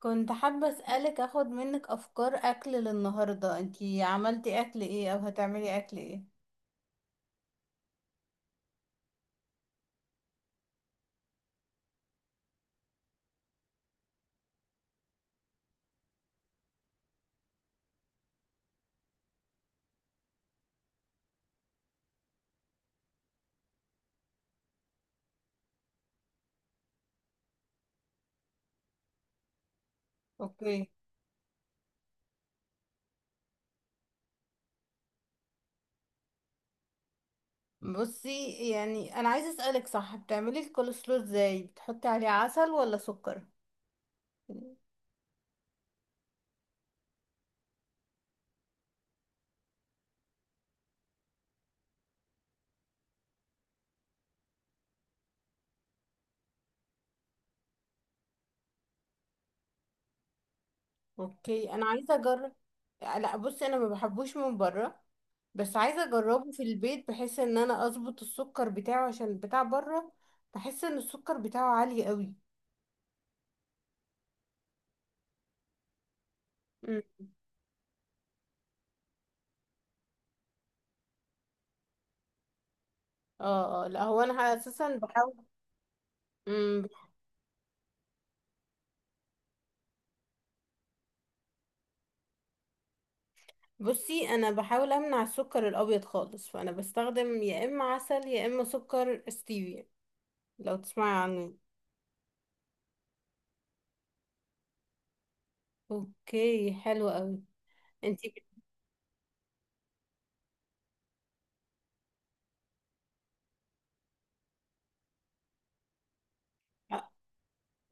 كنت حابة أسألك أخد منك أفكار أكل للنهاردة، انتي عملتي أكل إيه أو هتعملي أكل إيه؟ أوكي. بصي، يعني أنا عايزة أسألك، صح بتعملي الكولسلو إزاي، بتحطي عليه عسل ولا سكر؟ أوكي، أنا عايزة أجرب. لا بصي، أنا ما بحبوش من بره، بس عايزة أجربه في البيت بحيث إن أنا أظبط السكر بتاعه عشان بتاع بره. بحس إن السكر بتاعه عالي قوي. مم. اه اه، لا هو انا اساسا بحاول. مم. بصي، انا بحاول امنع السكر الابيض خالص، فانا بستخدم يا اما عسل يا اما سكر ستيفيا، لو تسمعي عنه. اوكي حلو قوي. انتي بت... اه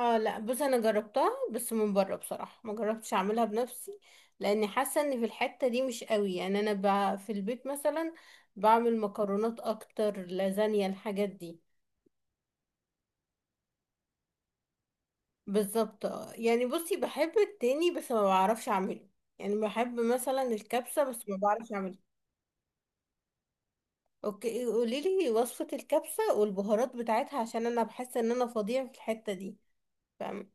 لا بصي، انا جربتها بس من بره، بصراحه ما جربتش اعملها بنفسي، لاني حاسه ان في الحته دي مش قوي يعني انا، في البيت مثلا بعمل مكرونات اكتر، لازانيا، الحاجات دي. بالظبط آه. يعني بصي بحب التاني بس ما بعرفش اعمله، يعني بحب مثلا الكبسه بس ما بعرفش اعملها. اوكي قولي لي وصفة الكبسة والبهارات بتاعتها، عشان انا بحس ان انا فظيعة في الحتة دي، فاهم؟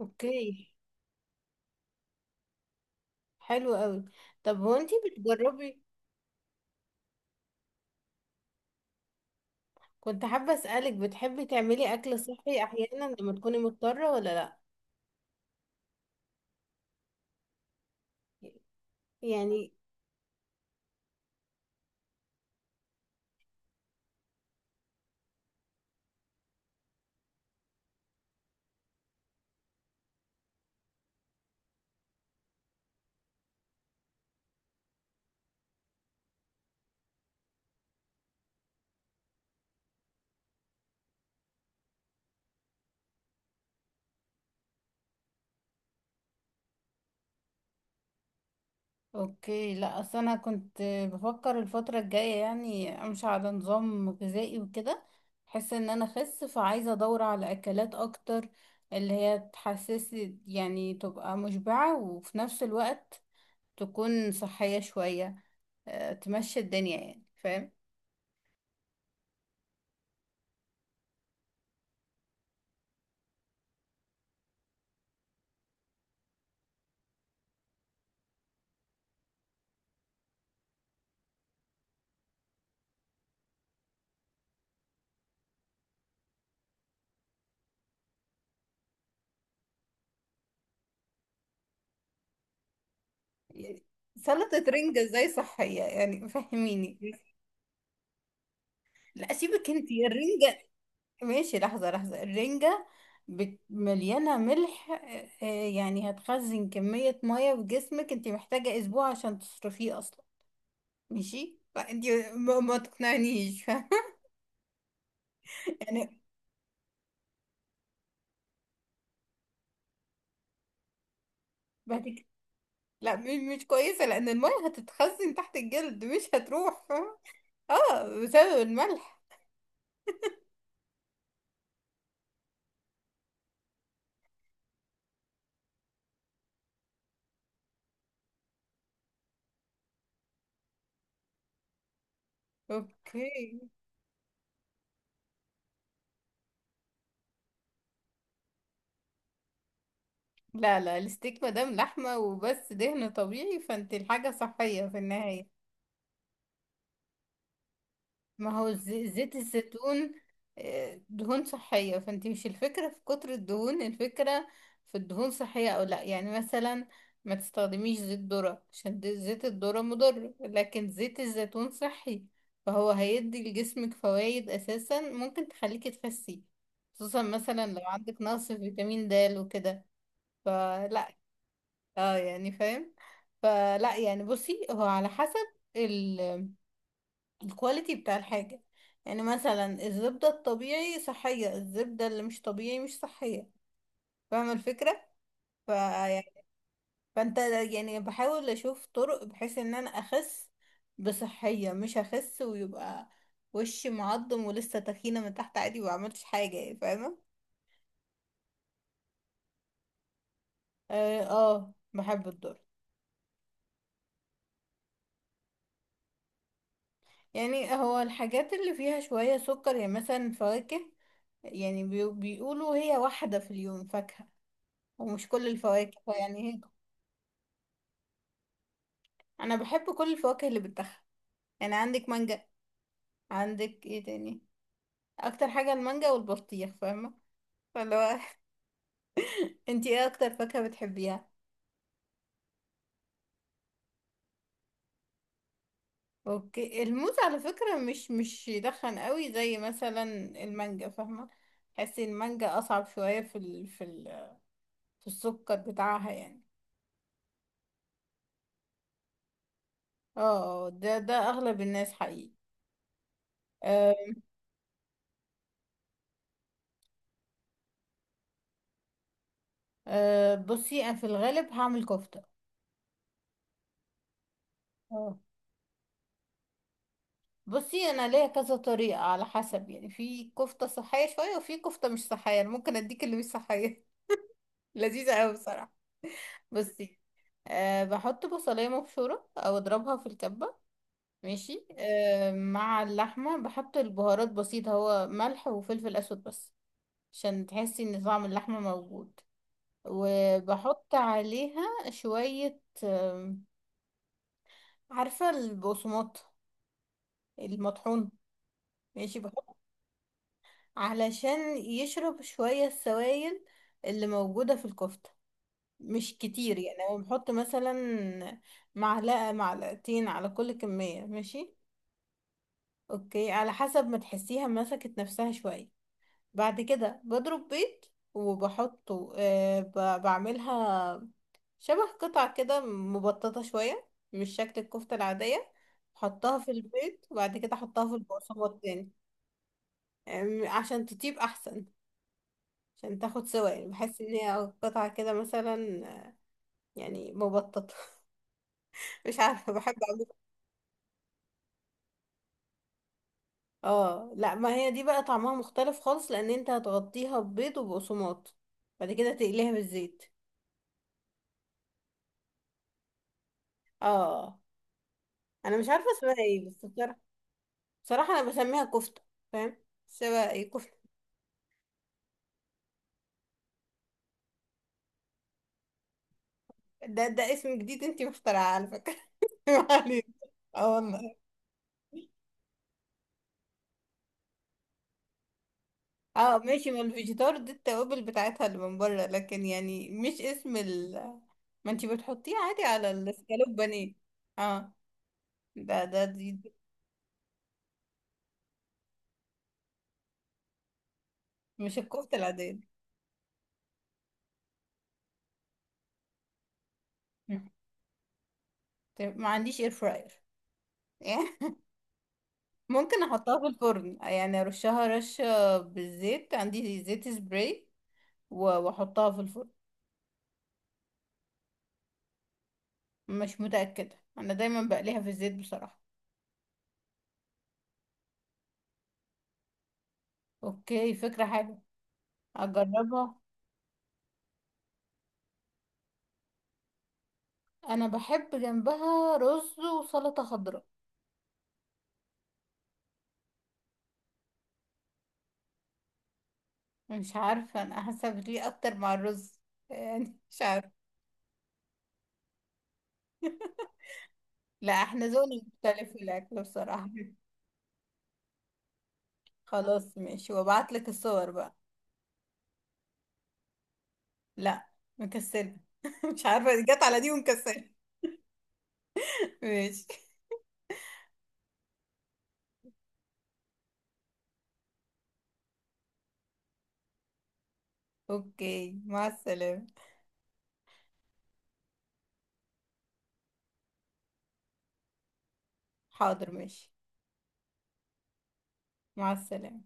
اوكي حلو قوي. طب هو انتي بتجربي؟ كنت حابة اسألك، بتحبي تعملي اكل صحي احيانا لما تكوني مضطرة ولا لا؟ يعني. اوكي، لا اصل انا كنت بفكر الفترة الجاية يعني امشي على نظام غذائي وكده، بحس ان انا اخس فعايزة ادور على اكلات اكتر، اللي هي تحسسي يعني تبقى مشبعة وفي نفس الوقت تكون صحية شوية، تمشي الدنيا يعني، فاهم؟ يعني سلطة رنجة ازاي صحية، يعني فهميني لا سيبك انت يا الرنجة. ماشي، لحظة لحظة الرنجة، مليانة ملح. يعني هتخزن كمية مية في جسمك، انت محتاجة اسبوع عشان تصرفيه اصلا. ماشي فانت ما تقنعنيش فاهمة؟ يعني. بعدك. لا، مش كويسة، لان المية هتتخزن تحت الجلد مش هتروح، فاهمة؟ اه بسبب الملح. اوكي. لا لا، الستيك مادام لحمة وبس دهن طبيعي فانت الحاجة صحية في النهاية. ما هو زيت الزيتون، دهون صحية، فانت مش الفكرة في كتر الدهون، الفكرة في الدهون صحية او لا، يعني مثلا ما تستخدميش زيت ذرة عشان زيت الذرة مضر، لكن زيت الزيتون صحي، فهو هيدي لجسمك فوائد اساسا ممكن تخليكي تخسي، خصوصا مثلا لو عندك نقص في فيتامين د وكده. فلا. اه يعني فاهم؟ فلا يعني بصي هو على حسب ال- الكواليتي بتاع الحاجة. يعني مثلا الزبدة الطبيعي صحية، الزبدة اللي مش طبيعي مش صحية، فاهمة الفكرة؟ ف يعني فانت، يعني بحاول اشوف طرق بحيث ان انا اخس بصحية، مش اخس ويبقى وشي معضم ولسه تخينة من تحت عادي وما عملتش حاجة يعني، فاهمة؟ اه بحب الدور. يعني هو الحاجات اللي فيها شوية سكر يعني مثلا فواكه، يعني بيقولوا هي واحدة في اليوم فاكهة، ومش كل الفواكه يعني هي. أنا بحب كل الفواكه اللي بتاخد، يعني عندك مانجا، عندك ايه تاني؟ أكتر حاجة المانجا والبطيخ، فاهمة؟ فاللي هو انتي ايه أكتر فاكهة بتحبيها؟ اوكي الموز على فكرة مش يدخن قوي زي مثلا المانجا، فاهمة؟ تحسي المانجا أصعب شوية في السكر بتاعها يعني. اه ده أغلب الناس حقيقي. أه. أه بصي أنا في الغالب هعمل كفتة. آه. بصي انا ليا كذا طريقه على حسب، يعني في كفته صحيه شويه وفي كفته مش صحيه، انا ممكن اديك اللي مش صحيه لذيذه قوي بصراحه. بصي، بحط بصلايه مبشوره او اضربها في الكبه، ماشي. مع اللحمه بحط البهارات بسيطه، هو ملح وفلفل اسود بس، عشان تحسي ان طعم اللحمه موجود. وبحط عليها شويه، عارفه البقسماط المطحون؟ ماشي بحط علشان يشرب شوية السوائل اللي موجودة في الكفتة، مش كتير يعني، هو بيحط مثلا معلقة معلقتين على كل كمية، ماشي؟ اوكي على حسب ما تحسيها مسكت نفسها شوية. بعد كده بضرب بيض وبحطه، بعملها شبه قطع كده مبططة شوية، مش شكل الكفتة العادية، حطها في البيض وبعد كده حطها في البقسماط تاني. عشان تطيب احسن، عشان تاخد سوا يعني، بحس ان هي قطعة كده مثلا، يعني مبططة مش عارفة بحب اعمل. اه لا ما هي دي بقى طعمها مختلف خالص، لان انت هتغطيها ببيض وبقسماط، بعد كده تقليها بالزيت. اه انا مش عارفة اسمها ايه بس بصراحة، بصراحة انا بسميها كفتة، فاهم؟ سوا ايه كفتة. ده اسم جديد، انتي مخترعة على فكرة ما علينا. اه والله. اه ماشي، ما الفيجيتار دي التوابل بتاعتها اللي من بره، لكن يعني مش اسم ما انتي بتحطيه عادي على السكالوب بانيه. اه دي مش الكفتة العادية دي. مم. طيب، ما عنديش اير فراير ممكن احطها في الفرن، يعني ارشها رشة بالزيت، عندي زيت سبراي واحطها في الفرن. مش متأكدة، انا دايما بقليها في الزيت بصراحة. اوكي فكرة حلوة، اجربها. انا بحب جنبها رز وسلطة خضراء. مش عارفة، أنا حاسة بتليق أكتر مع الرز، يعني مش عارفة. لا احنا ذوقنا مختلف في الأكل بصراحة. خلاص ماشي، وابعتلك الصور بقى. لا، مكسلة مش عارفة جت على دي ومكسلة. ماشي. اوكي مع السلامة. حاضر ماشي. مع السلامة.